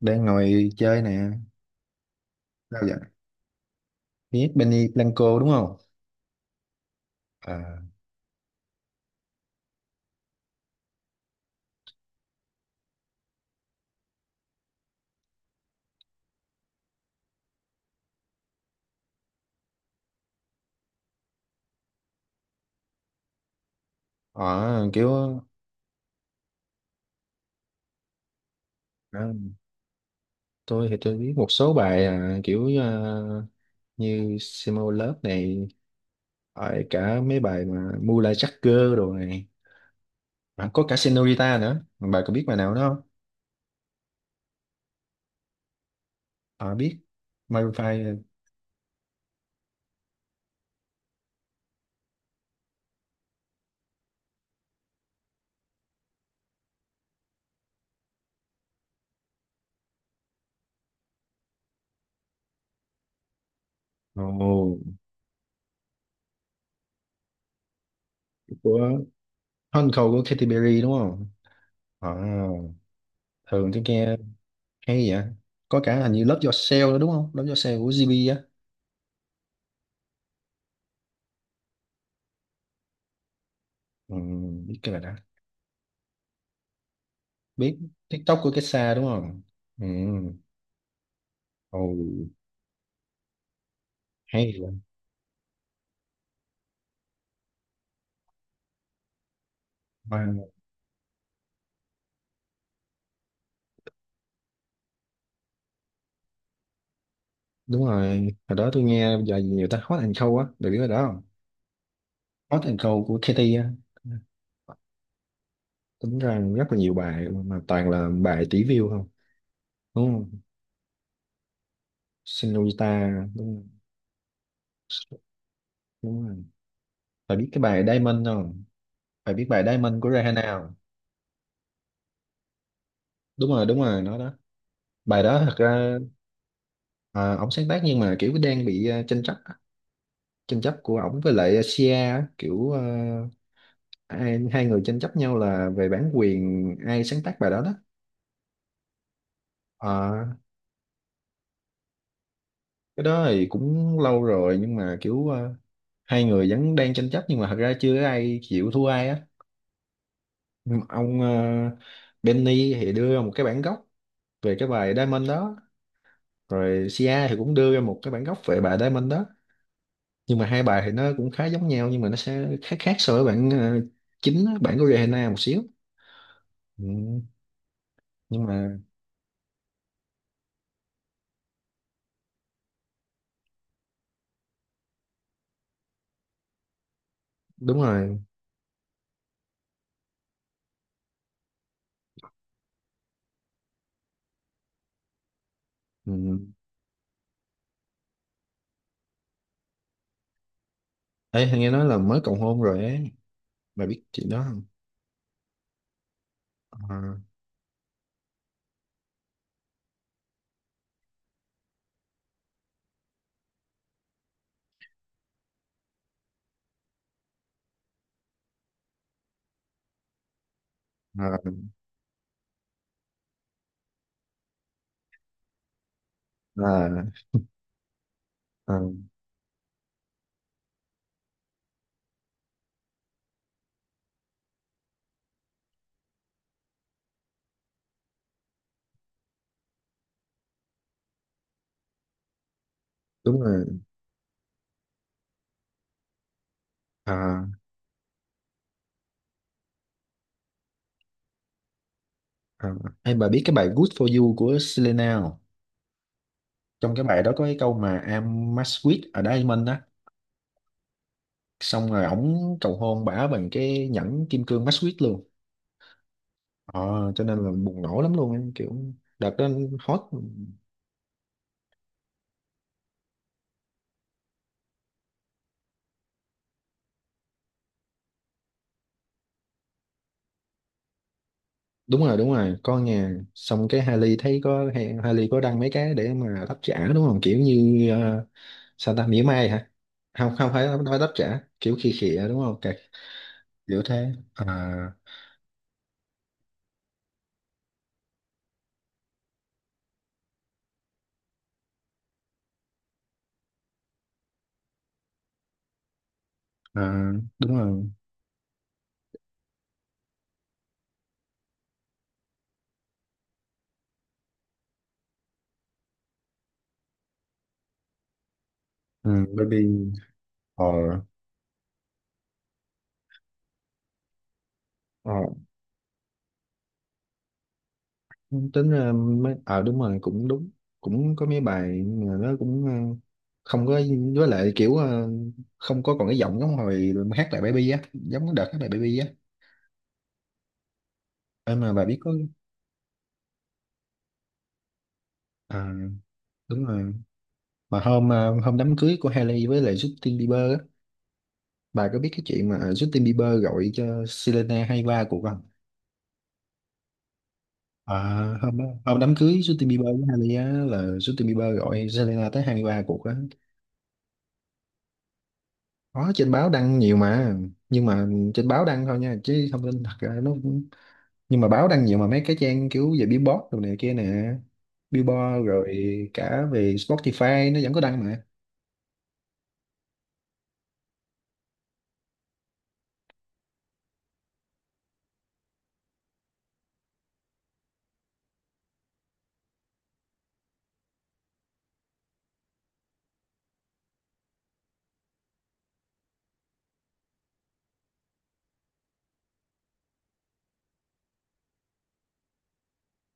Đang ngồi chơi nè. Sao vậy? Biết Benny Blanco đúng không? à ờ, kiểu à, tôi thì tôi biết một số bài, như Simo Love này, rồi cả mấy bài mà Mula Jagger đồ này. Có cả Senorita nữa, bà có biết bài nào đó không? Biết Maroon 5. Ồ, của Hôn Khâu của Katy Perry đúng không? à, Thường tôi nghe. Hay vậy. Có cả hình như Love Yourself nữa đúng không? Love Yourself của GB á. ừ, Biết cái bài đó. Biết TikTok của cái xa đúng không? Ừ. Ồ. Hay vậy. Và đúng rồi. Hồi đó tôi nghe giờ nhiều ta, Hot and Cold á, được biết cái đó không? Hot and Cold của Katy á. Tính ra rất là nhiều bài mà toàn là bài tỷ view không, đúng không? Senorita đúng không? Đúng rồi. Phải biết cái bài Diamond không? Phải biết bài Diamond của Rihanna không? Đúng rồi, đúng rồi, nó đó. Bài đó thật ra, ổng sáng tác nhưng mà kiểu đang bị tranh chấp á. Tranh chấp của ổng với lại Sia á, hai người tranh chấp nhau là về bản quyền ai sáng tác bài đó đó. Ờ, cái đó thì cũng lâu rồi, nhưng mà kiểu hai người vẫn đang tranh chấp nhưng mà thật ra chưa có ai chịu thua ai á. Nhưng mà ông Benny thì đưa ra một cái bản gốc về cái bài Diamond đó, rồi Sia thì cũng đưa ra một cái bản gốc về bài Diamond đó. Nhưng mà hai bài thì nó cũng khá giống nhau, nhưng mà nó sẽ khác khác so với bản chính á, bản của Rihanna một xíu. Ừ, nhưng mà đúng rồi. Ừ. Ê, nghe nói là mới cầu hôn rồi ấy. Bà biết chị đó không? À. À. À. À, đúng rồi. À. À. Em, bà biết cái bài Good For You của Selena không? Trong cái bài đó có cái câu mà I'm match with a diamond á. Xong rồi ổng cầu hôn bả bằng cái nhẫn kim cương match with luôn. Ờ, cho nên là bùng nổ lắm luôn, em kiểu đợt đó hot. Đúng rồi, đúng rồi, con nhà xong cái Hailey thấy có. Hailey có đăng mấy cái để mà đáp trả đúng không, kiểu như sao ta, mỉa mai hả? Không, không phải nói đáp trả, kiểu khi khịa đúng không? Cái kiểu thế à. à Đúng. Rồi ừ, Baby or. Ờ, tính ra mấy đúng rồi, cũng đúng, cũng có mấy bài mà nó cũng không có, với lại kiểu không có còn cái giọng giống hồi mà hát lại baby á, giống cái đợt hát lại baby á. Em mà bà biết có. À, đúng rồi. Mà hôm hôm đám cưới của Hailey với lại Justin Bieber á, bà có biết cái chuyện mà Justin Bieber gọi cho Selena hay va cuộc không? À, hôm đó, hôm đám cưới Justin Bieber với Hailey á, là Justin Bieber gọi Selena tới 23 cuộc á. Có trên báo đăng nhiều mà, nhưng mà trên báo đăng thôi nha, chứ thông tin thật ra nó cũng- nhưng mà báo đăng nhiều mà, mấy cái trang kiểu về Billboard đồ này kia nè, Billboard rồi cả về Spotify nó vẫn có đăng mà.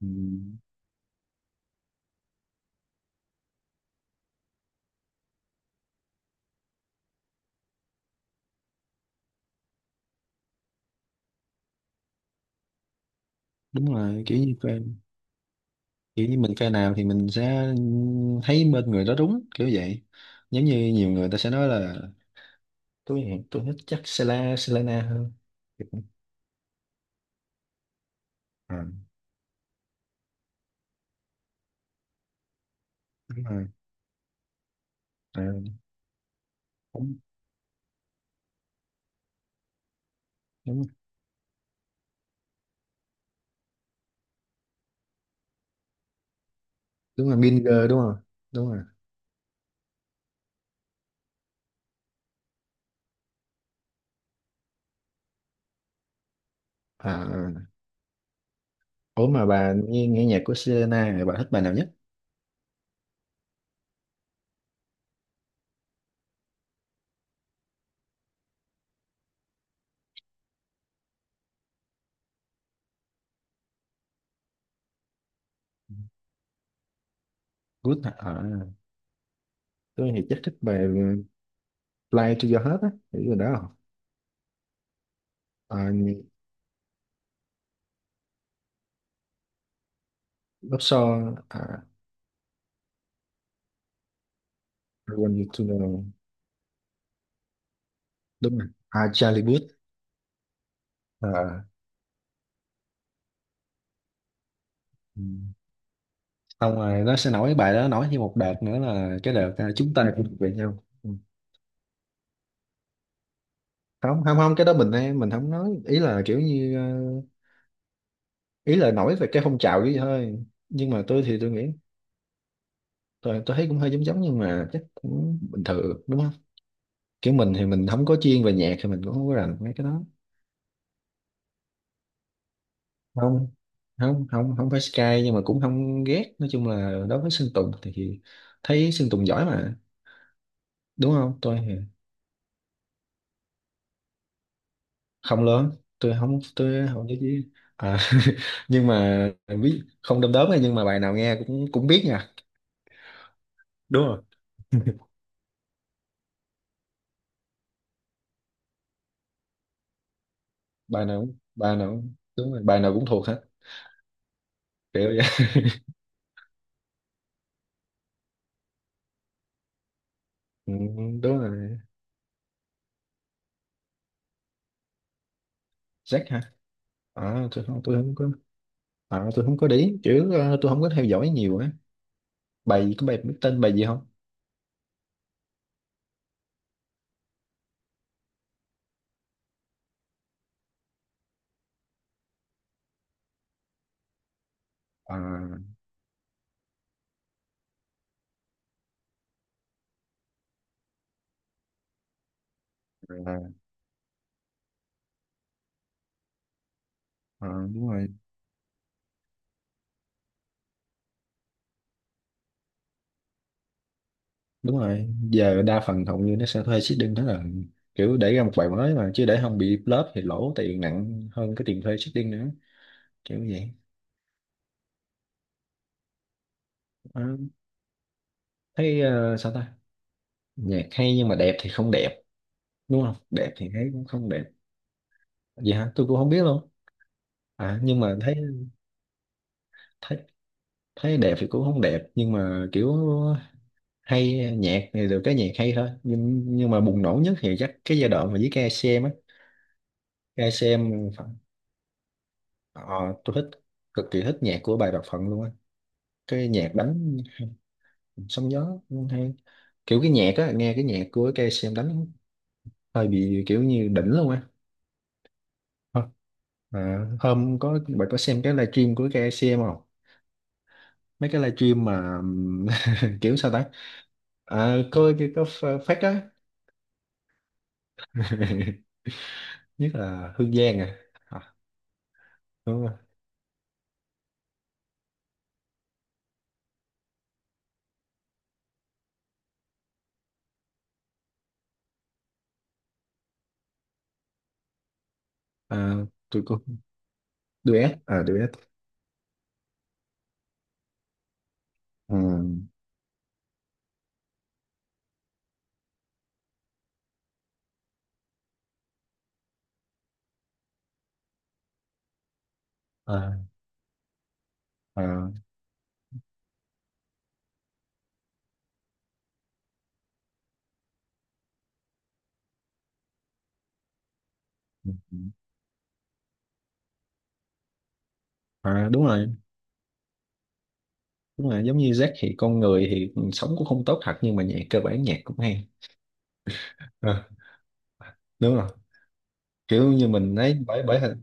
Ừ, đúng rồi, kiểu như fan, kiểu như mình fan nào thì mình sẽ thấy bên người đó đúng, kiểu vậy. Giống như nhiều người ta sẽ nói là tôi thích chắc Sela Selena hơn. Đúng rồi. à, Đúng, đúng, đúng rồi, Binger đúng không? Đúng rồi. À. Ủa, mà bà nghe, nghe nhạc của Selena thì bà thích bài nào nhất? Good hả? Tôi thì chắc thích bài Fly to Your Heart á, hiểu rồi đó không? à, Love Song. I Want You to Know. Đúng rồi, Charlie Puth. à, ừ. Xong rồi nó sẽ nổi bài đó, nổi thêm một đợt nữa là cái đợt chúng ta cũng thuộc về nhau. Ừ. Không, không, không, cái đó mình không nói, ý là kiểu như ý là nổi về cái phong trào vậy thôi. Nhưng mà tôi thì tôi nghĩ tôi thấy cũng hơi giống giống, nhưng mà chắc cũng bình thường đúng không? Kiểu mình thì mình không có chuyên về nhạc thì mình cũng không có rành mấy cái đó. Không, không, không, không phải Sky, nhưng mà cũng không ghét. Nói chung là đối với Sơn Tùng thì thấy Sơn Tùng giỏi mà, đúng không? Tôi thì không lớn, tôi không biết gì. À, nhưng mà biết không, đom đóm nha, nhưng mà bài nào nghe cũng cũng biết nha. Đúng rồi. Đúng rồi, bài nào cũng thuộc hết, kiểu vậy. Ừ, đúng rồi. Jack hả? À, tôi không có. À, tôi không có để ý, chứ tôi không có theo dõi nhiều á. Bài gì, có bài biết tên bài gì không? À. À. À, đúng rồi. Đúng rồi, giờ đa phần hầu như nó sẽ thuê seeding đó, là kiểu để ra một bài mới mà chứ để không bị flop thì lỗ tiền nặng hơn cái tiền thuê seeding nữa, kiểu vậy. Ờ, thấy sao ta, nhạc hay nhưng mà đẹp thì không đẹp, đúng không, đẹp thì thấy cũng không đẹp. Vậy hả, tôi cũng không biết luôn. À, nhưng mà thấy, thấy thấy đẹp thì cũng không đẹp, nhưng mà kiểu hay, nhạc thì được, cái nhạc hay thôi. Nhưng mà bùng nổ nhất thì chắc cái giai đoạn mà với ca xê em á, KCM phận- ờ, tôi thích cực kỳ thích nhạc của bài Bạc Phận luôn á. Cái nhạc đánh sóng gió hay, kiểu cái nhạc á, nghe cái nhạc của ca xê em đánh hơi bị kiểu như đỉnh luôn á. Ờ, à, hôm có bạn có xem cái livestream của ca xê em không, mấy cái livestream mà kiểu sao ta. À, có phát á. Nhất là Hương Giang. À. À đúng. À, tôi có duet. À duet. Ừ. À. À. Ừ. Ừ. À, đúng rồi, đúng rồi, giống như Jack thì con người thì sống cũng không tốt thật nhưng mà nhạc cơ bản nhạc cũng hay. À, đúng rồi. Kiểu như mình ấy, bởi bởi,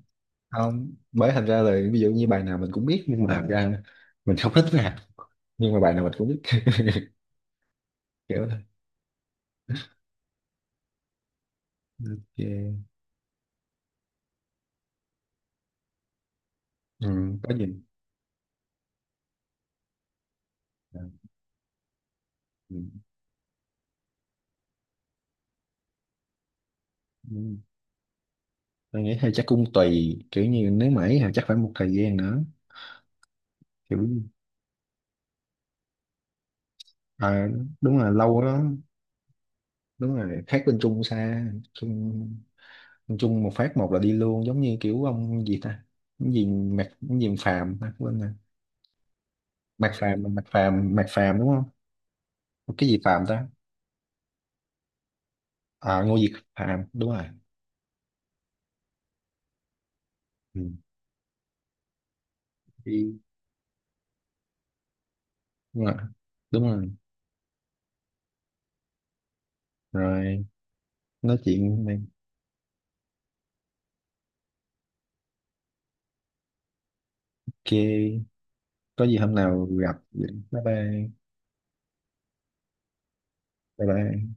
không, bởi thành ra là ví dụ như bài nào mình cũng biết, nhưng mà thật ra mình không thích rap, nhưng mà bài nào mình cũng biết. Kiểu thôi. Yeah. Ừ, có gì. À, ừ. Ừ. Tôi nghĩ hay chắc cũng tùy, kiểu như nếu mà ấy thì chắc phải một thời gian nữa, kiểu. À, đúng là lâu đó. Đúng rồi, khác bên Trung xa. Trung, bên Trung một phát một là đi luôn, giống như kiểu ông gì ta, cái gì Mạc cái gì Phàm ta, quên rồi. Mạc Phàm, Mạc Phàm đúng không? Cái gì Phàm ta? À Ngô diệt Phàm, đúng rồi. Ừ. Đi. Đúng rồi, đúng rồi. Rồi, nói chuyện này kia, có gì hôm nào gặp vậy. Bye bye. Bye bye.